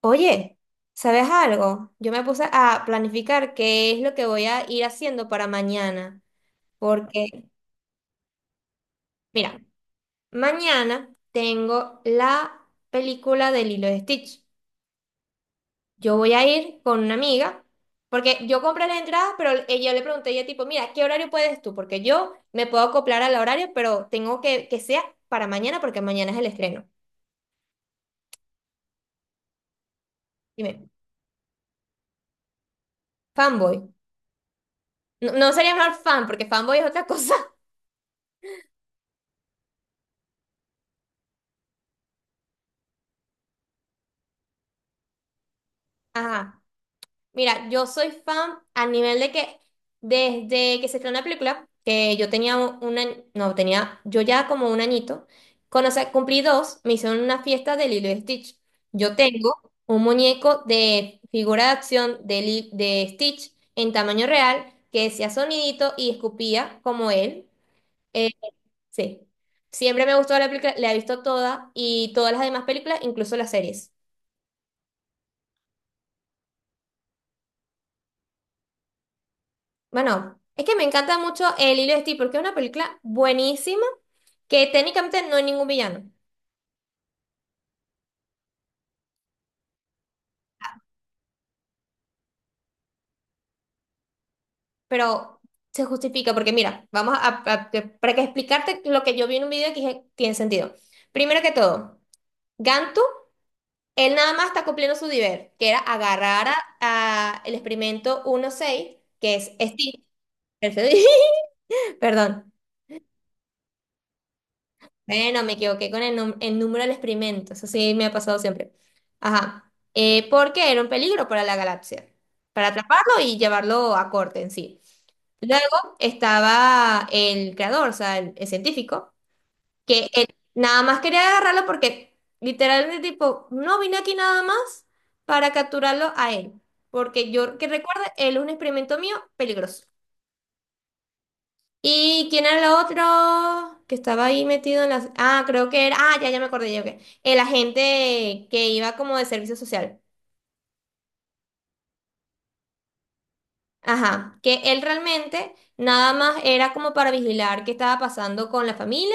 Oye, ¿sabes algo? Yo me puse a planificar qué es lo que voy a ir haciendo para mañana, porque, mira, mañana tengo la película de Lilo y Stitch. Yo voy a ir con una amiga, porque yo compré la entrada, pero ella le pregunté, ella tipo, mira, ¿qué horario puedes tú? Porque yo me puedo acoplar al horario, pero tengo que sea para mañana, porque mañana es el estreno. Dime, fanboy. No, no sería mejor fan, porque fanboy es otra cosa. Ajá. Mira, yo soy fan a nivel de que desde que se estrenó la película, que yo tenía una, no, tenía, yo ya como un añito, cuando o sea, cumplí dos, me hicieron una fiesta de Lilo y Stitch. Yo tengo un muñeco de figura de acción de, de Stitch en tamaño real que decía sonidito y escupía como él. Eh, sí, siempre me gustó la película, la he visto toda y todas las demás películas, incluso las series. Bueno, es que me encanta mucho El Hilo de Steve porque es una película buenísima que técnicamente no hay ningún villano, pero se justifica porque mira, vamos a- te- para que explicarte lo que yo vi en un video que dije, tiene sentido. Primero que todo, Gantu, él nada más está cumpliendo su deber, que era agarrar a el experimento 1.6, que es Steve, perfecto, perdón. Bueno, me equivoqué con el, el número del experimento, eso sí me ha pasado siempre. Ajá. Porque era un peligro para la galaxia, para atraparlo y llevarlo a corte en sí. Luego estaba el creador, o sea, el científico, que él nada más quería agarrarlo porque literalmente tipo, no vine aquí nada más para capturarlo a él, porque yo que recuerde, él es un experimento mío peligroso. ¿Y quién era el otro que estaba ahí metido en las... Ah, creo que era... Ah, ya, ya me acordé yo que... El agente que iba como de servicio social. Ajá, que él realmente nada más era como para vigilar qué estaba pasando con la familia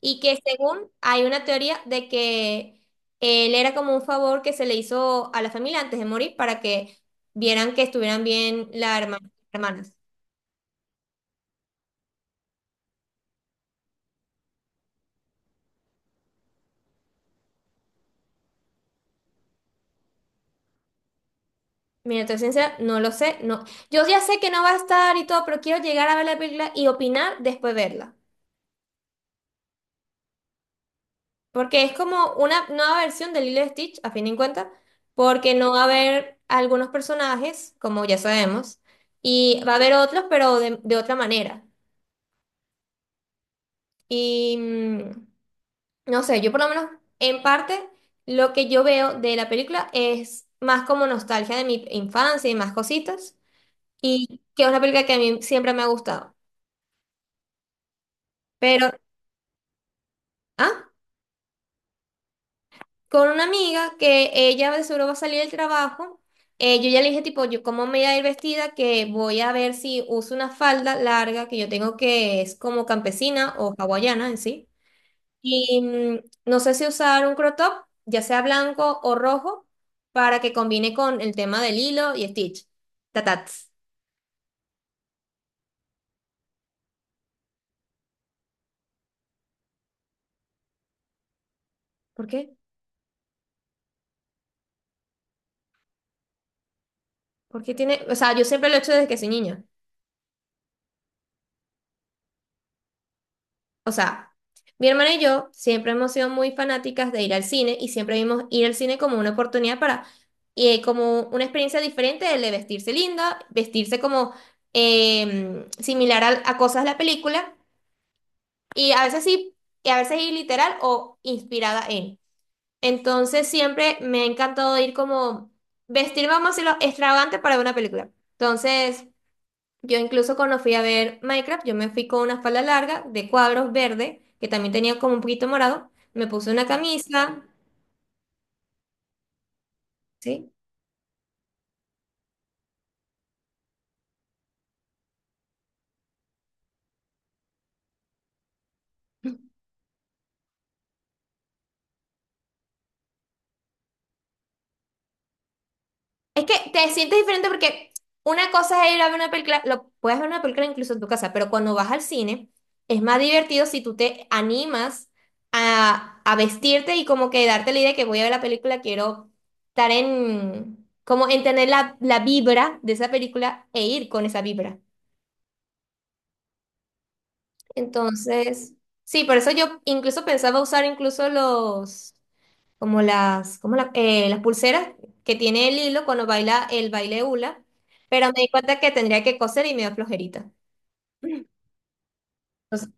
y que según hay una teoría de que él era como un favor que se le hizo a la familia antes de morir para que vieran que estuvieran bien las hermanas. Mira, te soy sincera, no lo sé, no. Yo ya sé que no va a estar y todo, pero quiero llegar a ver la película y opinar después de verla. Porque es como una nueva versión de Lilo y Stitch, a fin de cuentas, porque no va a haber algunos personajes, como ya sabemos, y va a haber otros, pero de otra manera. Y mm, no sé, yo por lo menos en parte lo que yo veo de la película es más como nostalgia de mi infancia y más cositas, y que es una película que a mí siempre me ha gustado. Pero, ¿ah? Con una amiga que ella de seguro va a salir del trabajo. Yo ya le dije, tipo, yo cómo me voy a ir vestida, que voy a ver si uso una falda larga que yo tengo que es como campesina o hawaiana en sí. Y mm, no sé si usar un crop top, ya sea blanco o rojo, para que combine con el tema del hilo y Stitch. Tatats. ¿Por qué? Porque tiene, o sea, yo siempre lo he hecho desde que soy niña. O sea, mi hermana y yo siempre hemos sido muy fanáticas de ir al cine y siempre vimos ir al cine como una oportunidad para, como una experiencia diferente de vestirse linda, vestirse como similar a cosas de la película y a veces sí, y a veces ir literal o inspirada en. Entonces siempre me ha encantado ir como vestirme, vamos a decirlo, extravagante para ver una película. Entonces, yo incluso cuando fui a ver Minecraft, yo me fui con una falda larga de cuadros verde, que también tenía como un poquito morado. Me puse una camisa, ¿sí? Es que te sientes diferente porque una cosa es ir a ver una película, lo puedes ver una película incluso en tu casa, pero cuando vas al cine es más divertido si tú te animas a vestirte y como que darte la idea de que voy a ver la película, quiero estar en, como en tener la vibra de esa película e ir con esa vibra. Entonces, sí, por eso yo incluso pensaba usar incluso los, como las, las pulseras que tiene el hilo cuando baila el baile hula, pero me di cuenta que tendría que coser y me dio flojerita. Entonces,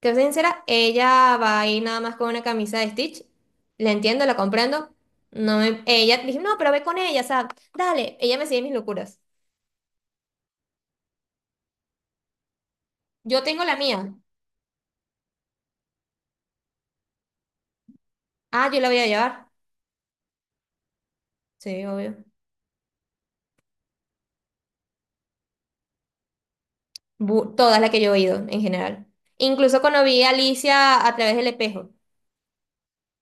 te soy sincera, ella va ahí nada más con una camisa de Stitch. La entiendo, la comprendo. Ella dije, no, pero ve con ella, o sea, dale, ella me sigue mis locuras. Yo tengo la mía. Ah, yo la voy a llevar. Sí, obvio. Todas las que yo he ido en general. Incluso cuando vi a Alicia a través del espejo.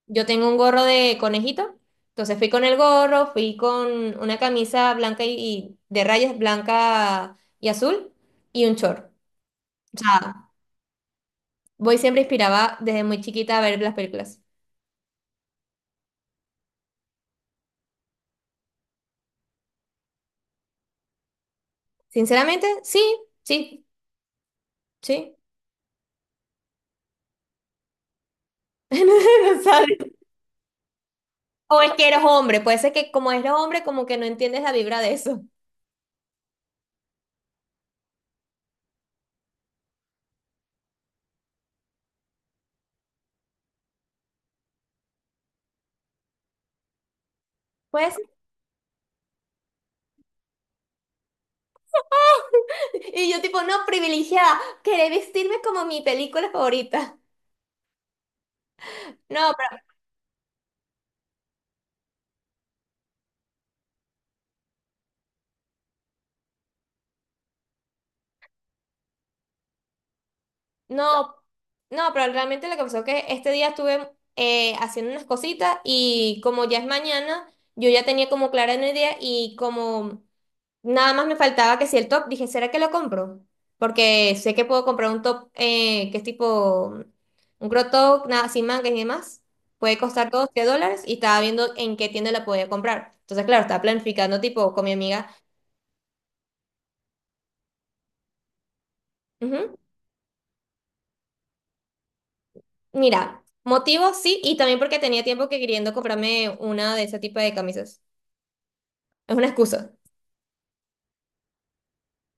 Yo tengo un gorro de conejito, entonces fui con el gorro, fui con una camisa blanca y de rayas blanca y azul y un short. O sea, voy siempre inspiraba desde muy chiquita a ver las películas. Sinceramente, sí, sí, sí. No no, ¿Sabes? O es que eres hombre, puede ser que como eres hombre, como que no entiendes la vibra de eso. Puede ser. Y yo tipo, no, privilegiada, querer vestirme como mi película favorita. No, pero, no, no, pero realmente lo que pasó es que este día estuve haciendo unas cositas y como ya es mañana, yo ya tenía como clara una idea y como nada más me faltaba que si el top, dije, ¿será que lo compro? Porque sé que puedo comprar un top que es tipo un crop top, nada, sin mangas y demás. Puede costar $12 y estaba viendo en qué tienda la podía comprar. Entonces, claro, estaba planificando tipo con mi amiga. Ujú. Mira, motivos sí, y también porque tenía tiempo que queriendo comprarme una de ese tipo de camisas. Es una excusa.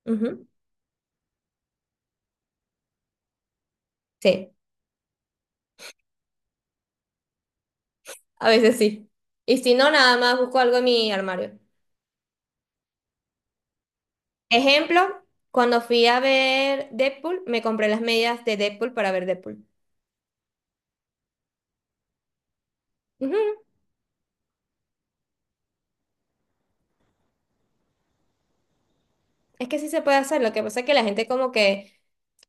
Ujú. Sí, a veces sí. Y si no, nada más busco algo en mi armario. Ejemplo, cuando fui a ver Deadpool, me compré las medias de Deadpool para ver Deadpool. Ujú. Es que sí se puede hacer, lo que pasa es que la gente como que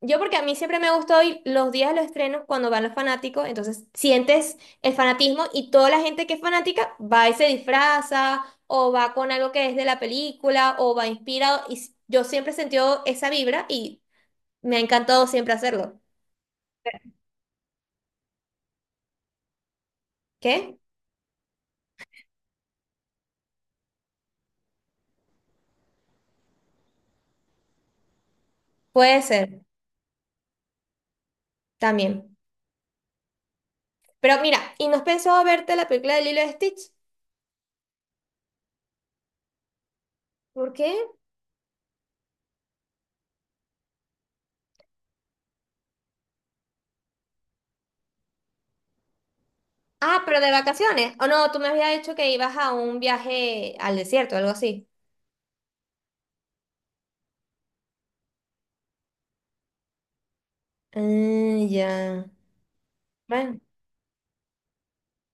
yo porque a mí siempre me gustó ir los días de los estrenos cuando van los fanáticos, entonces sientes el fanatismo y toda la gente que es fanática va y se disfraza o va con algo que es de la película o va inspirado yo siempre he sentido esa vibra y me ha encantado siempre hacerlo. ¿Qué? Puede ser también. Pero mira, ¿y no has pensado verte la película de Lilo y Stitch? ¿Por qué? Ah, pero de vacaciones. O no, tú me habías dicho que ibas a un viaje al desierto, algo así. Ah, ya. Bueno.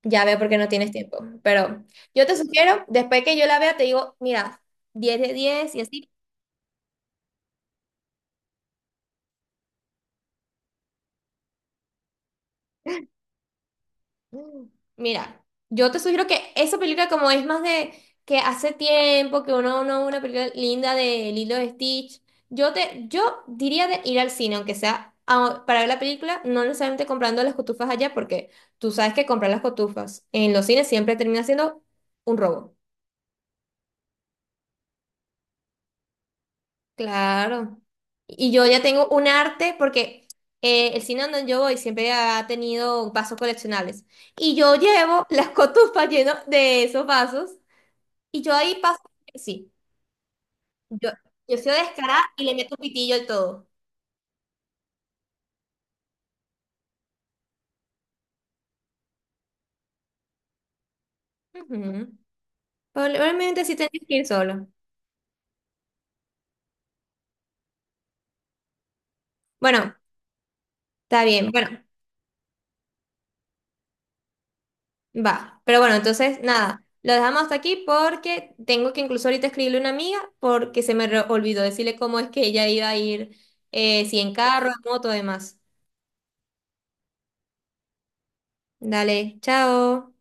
Ya veo porque no tienes tiempo, pero yo te sugiero, después que yo la vea, te digo, mira, 10 de 10 y así. Mm. Mira, yo te sugiero que esa película como es más de que hace tiempo que uno no ve una película linda de Lilo y Stitch, yo diría de ir al cine, aunque sea para ver la película, no necesariamente comprando las cotufas allá, porque tú sabes que comprar las cotufas en los cines siempre termina siendo un robo. Claro. Y yo ya tengo un arte porque el cine donde yo voy siempre ha tenido vasos coleccionables. Y yo llevo las cotufas llenas de esos vasos. Y yo ahí paso. Sí, yo, yo soy descarada y le meto pitillo al todo. Ujú. Probablemente sí tendría que ir solo. Bueno, está bien. Bueno, va, pero bueno, entonces nada, lo dejamos hasta aquí porque tengo que incluso ahorita escribirle a una amiga porque olvidó decirle cómo es que ella iba a ir, si en carro, en moto, demás. Dale, chao.